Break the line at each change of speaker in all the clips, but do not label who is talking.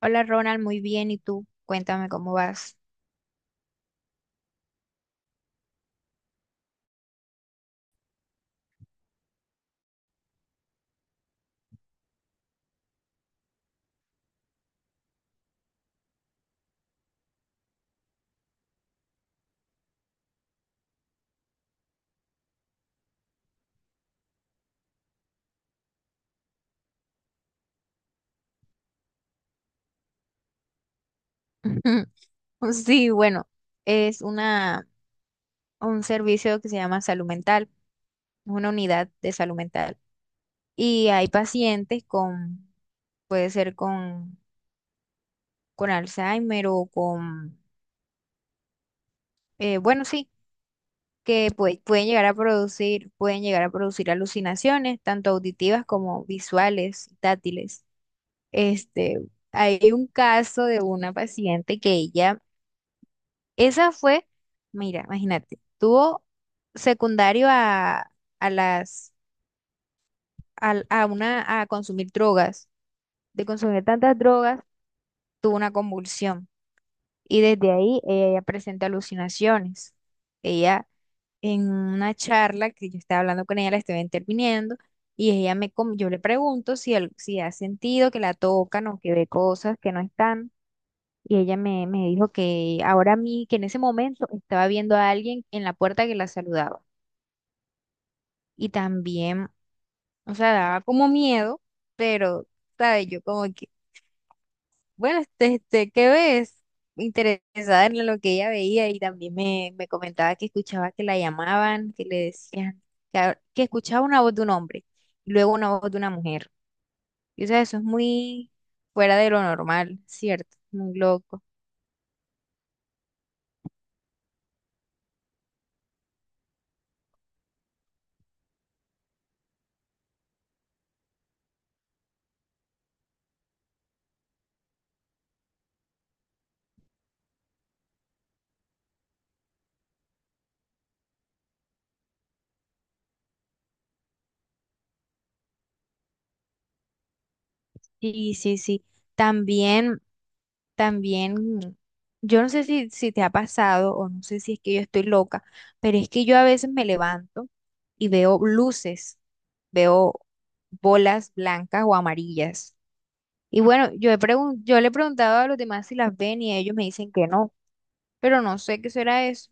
Hola Ronald, muy bien. ¿Y tú? Cuéntame cómo vas. Sí, bueno, es una, un servicio que se llama salud mental, una unidad de salud mental. Y hay pacientes con, puede ser con Alzheimer o con, bueno, sí, que pueden llegar a producir, pueden llegar a producir alucinaciones, tanto auditivas como visuales, táctiles. Este, hay un caso de una paciente que ella. Esa fue, mira, imagínate, tuvo secundario a las, a consumir drogas. De consumir tantas drogas, tuvo una convulsión. Y desde ahí ella ya presenta alucinaciones. Ella, en una charla que yo estaba hablando con ella, la estaba interviniendo, y ella me, yo le pregunto si, si ha sentido que la tocan o que ve cosas que no están. Y ella me, me dijo que ahora a mí, que en ese momento estaba viendo a alguien en la puerta que la saludaba. Y también, o sea, daba como miedo, pero, ¿sabes? Yo como que, bueno, este, ¿qué ves? Interesada en lo que ella veía y también me comentaba que escuchaba que la llamaban, que le decían, que, que escuchaba una voz de un hombre y luego una voz de una mujer. Y o sea, eso es muy fuera de lo normal, ¿cierto? Muy loco. Sí, sí, sí. También, también, yo no sé si, si te ha pasado o no sé si es que yo estoy loca, pero es que yo a veces me levanto y veo luces, veo bolas blancas o amarillas. Y bueno, yo le he preguntado a los demás si las ven y ellos me dicen que no, pero no sé qué será eso.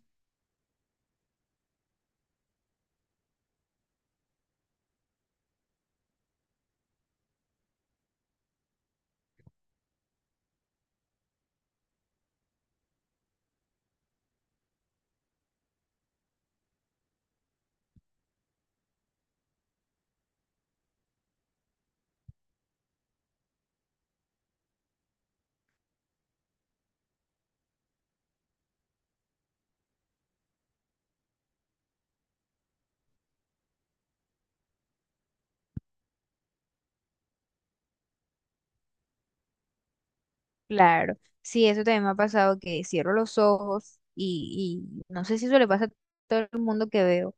Claro, sí, eso también me ha pasado que cierro los ojos y no sé si eso le pasa a todo el mundo, que veo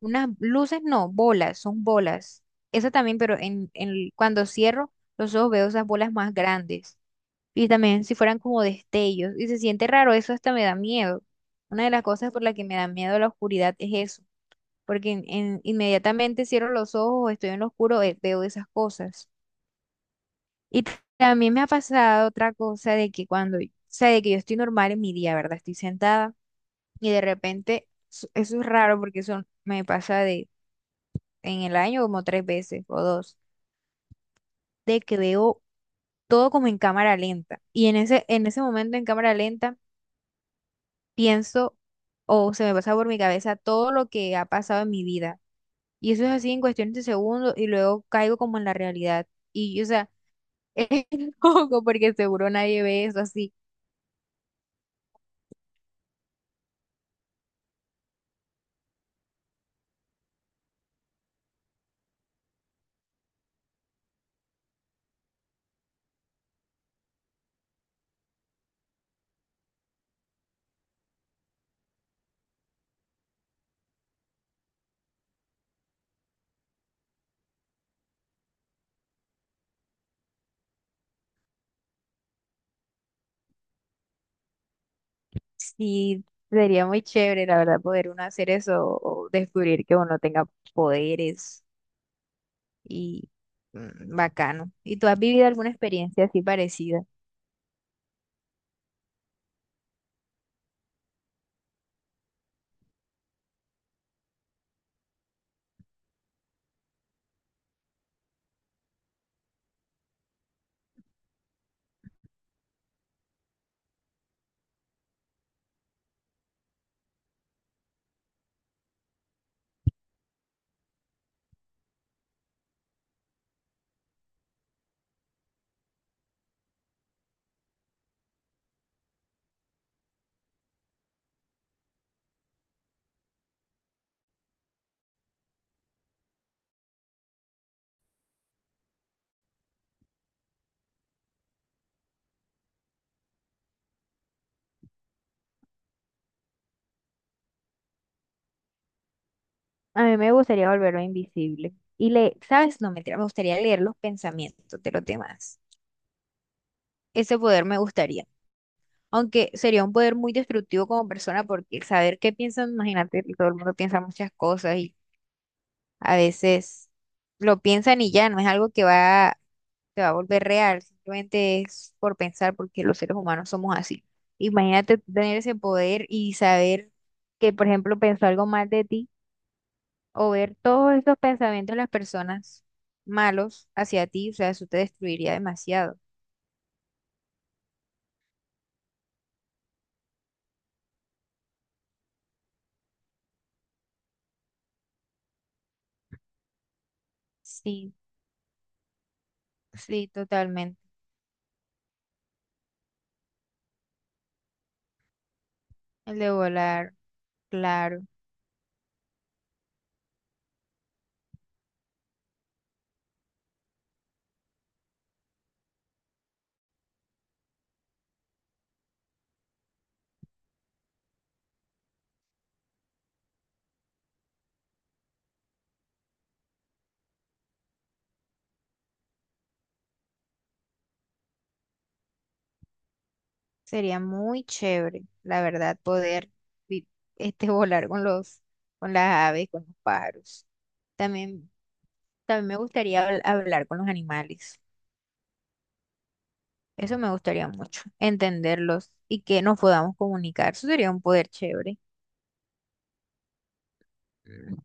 unas luces, no, bolas, son bolas. Esa también, pero cuando cierro los ojos veo esas bolas más grandes. Y también si fueran como destellos. Y se siente raro, eso hasta me da miedo. Una de las cosas por la que me da miedo la oscuridad es eso. Porque inmediatamente cierro los ojos, estoy en lo oscuro, veo esas cosas. Y también me ha pasado otra cosa de que cuando, o sea, de que yo estoy normal en mi día, ¿verdad? Estoy sentada y de repente, eso es raro porque eso me pasa de en el año como tres veces o dos, de que veo todo como en cámara lenta. Y en ese momento en cámara lenta pienso o se me pasa por mi cabeza todo lo que ha pasado en mi vida. Y eso es así en cuestiones de segundos y luego caigo como en la realidad. Y, o sea, es loco porque seguro nadie ve eso así. Sí, sería muy chévere, la verdad, poder uno hacer eso o descubrir que uno tenga poderes y mm, bacano. ¿Y tú has vivido alguna experiencia así parecida? A mí me gustaría volverlo invisible. Y le, ¿sabes? No, mentira, me gustaría leer los pensamientos de los demás. Ese poder me gustaría. Aunque sería un poder muy destructivo como persona, porque el saber qué piensan, imagínate, todo el mundo piensa muchas cosas y a veces lo piensan y ya, no es algo que va, te va a volver real, simplemente es por pensar, porque los seres humanos somos así. Imagínate tener ese poder y saber que, por ejemplo, pensó algo mal de ti o ver todos estos pensamientos de las personas malos hacia ti, o sea, eso te destruiría demasiado. Sí, sí, totalmente. El de volar, claro, sería muy chévere, la verdad, poder vi- este, volar con los, con las aves, con los pájaros. También, también me gustaría hablar con los animales. Eso me gustaría mucho, entenderlos y que nos podamos comunicar. Eso sería un poder chévere. Mm.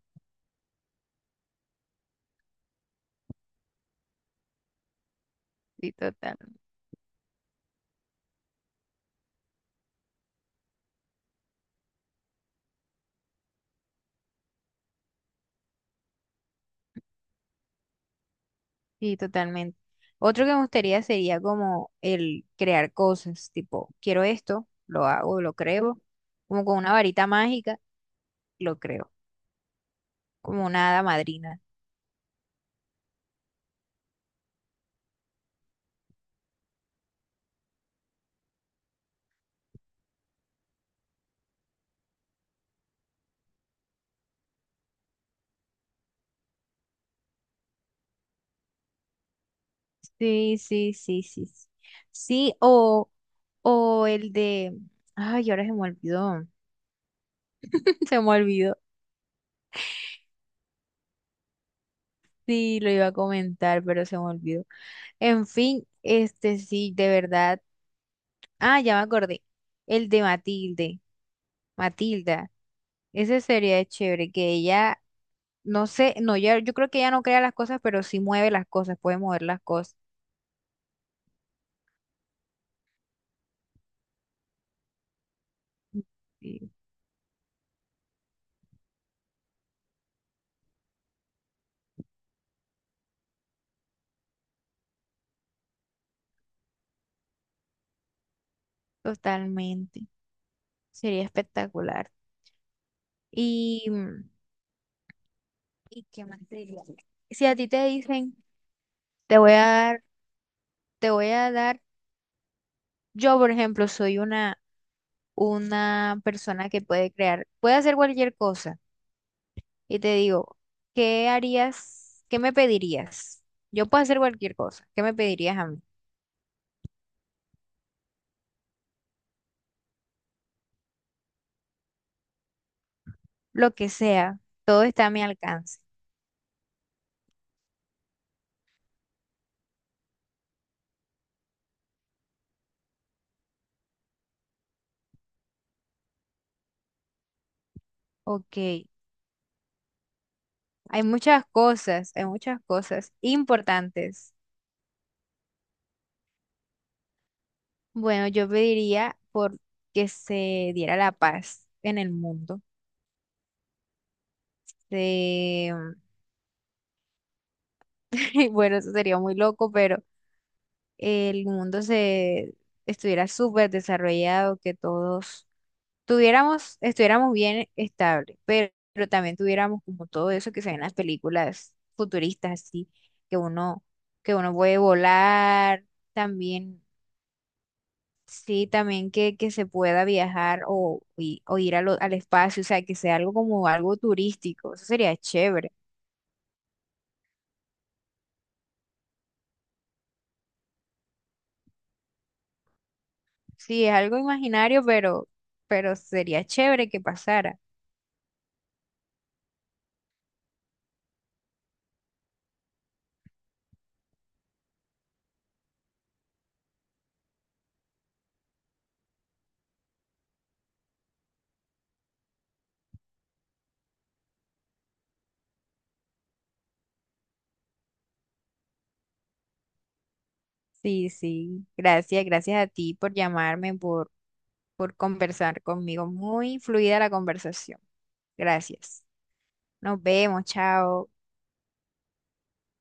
Sí, total. Sí, totalmente. Otro que me gustaría sería como el crear cosas, tipo, quiero esto, lo hago, lo creo, como con una varita mágica, lo creo, como una hada madrina. Sí, sí, sí, sí. Sí, sí, o el de, ay, ahora se me olvidó, se me olvidó. Sí, lo iba a comentar, pero se me olvidó. En fin, este sí, de verdad. Ah, ya me acordé. El de Matilde, Matilda. Ese sería chévere, que ella. No sé, no, ya, yo creo que ella no crea las cosas, pero sí mueve las cosas, puede mover las cosas. Sí, totalmente. Sería espectacular. Y, mm, ¿y qué más te diría? Si a ti te dicen, te voy a dar, te voy a dar, yo por ejemplo soy una persona que puede crear, puede hacer cualquier cosa. Y te digo, ¿qué harías? ¿Qué me pedirías? Yo puedo hacer cualquier cosa. ¿Qué me pedirías a mí? Lo que sea, todo está a mi alcance. Ok. Hay muchas cosas importantes. Bueno, yo pediría por que se diera la paz en el mundo. Eh, y bueno, eso sería muy loco, pero el mundo se estuviera súper desarrollado, que todos tuviéramos, estuviéramos bien estable, pero también tuviéramos como todo eso que se ve en las películas futuristas, así, que uno, que uno puede volar, también. Sí, también que se pueda viajar o, o ir a al espacio, o sea, que sea algo como algo turístico, eso sería chévere. Sí, es algo imaginario, pero sería chévere que pasara. Sí, sí, gracias, gracias a ti por llamarme, por conversar conmigo. Muy fluida la conversación. Gracias. Nos vemos, chao.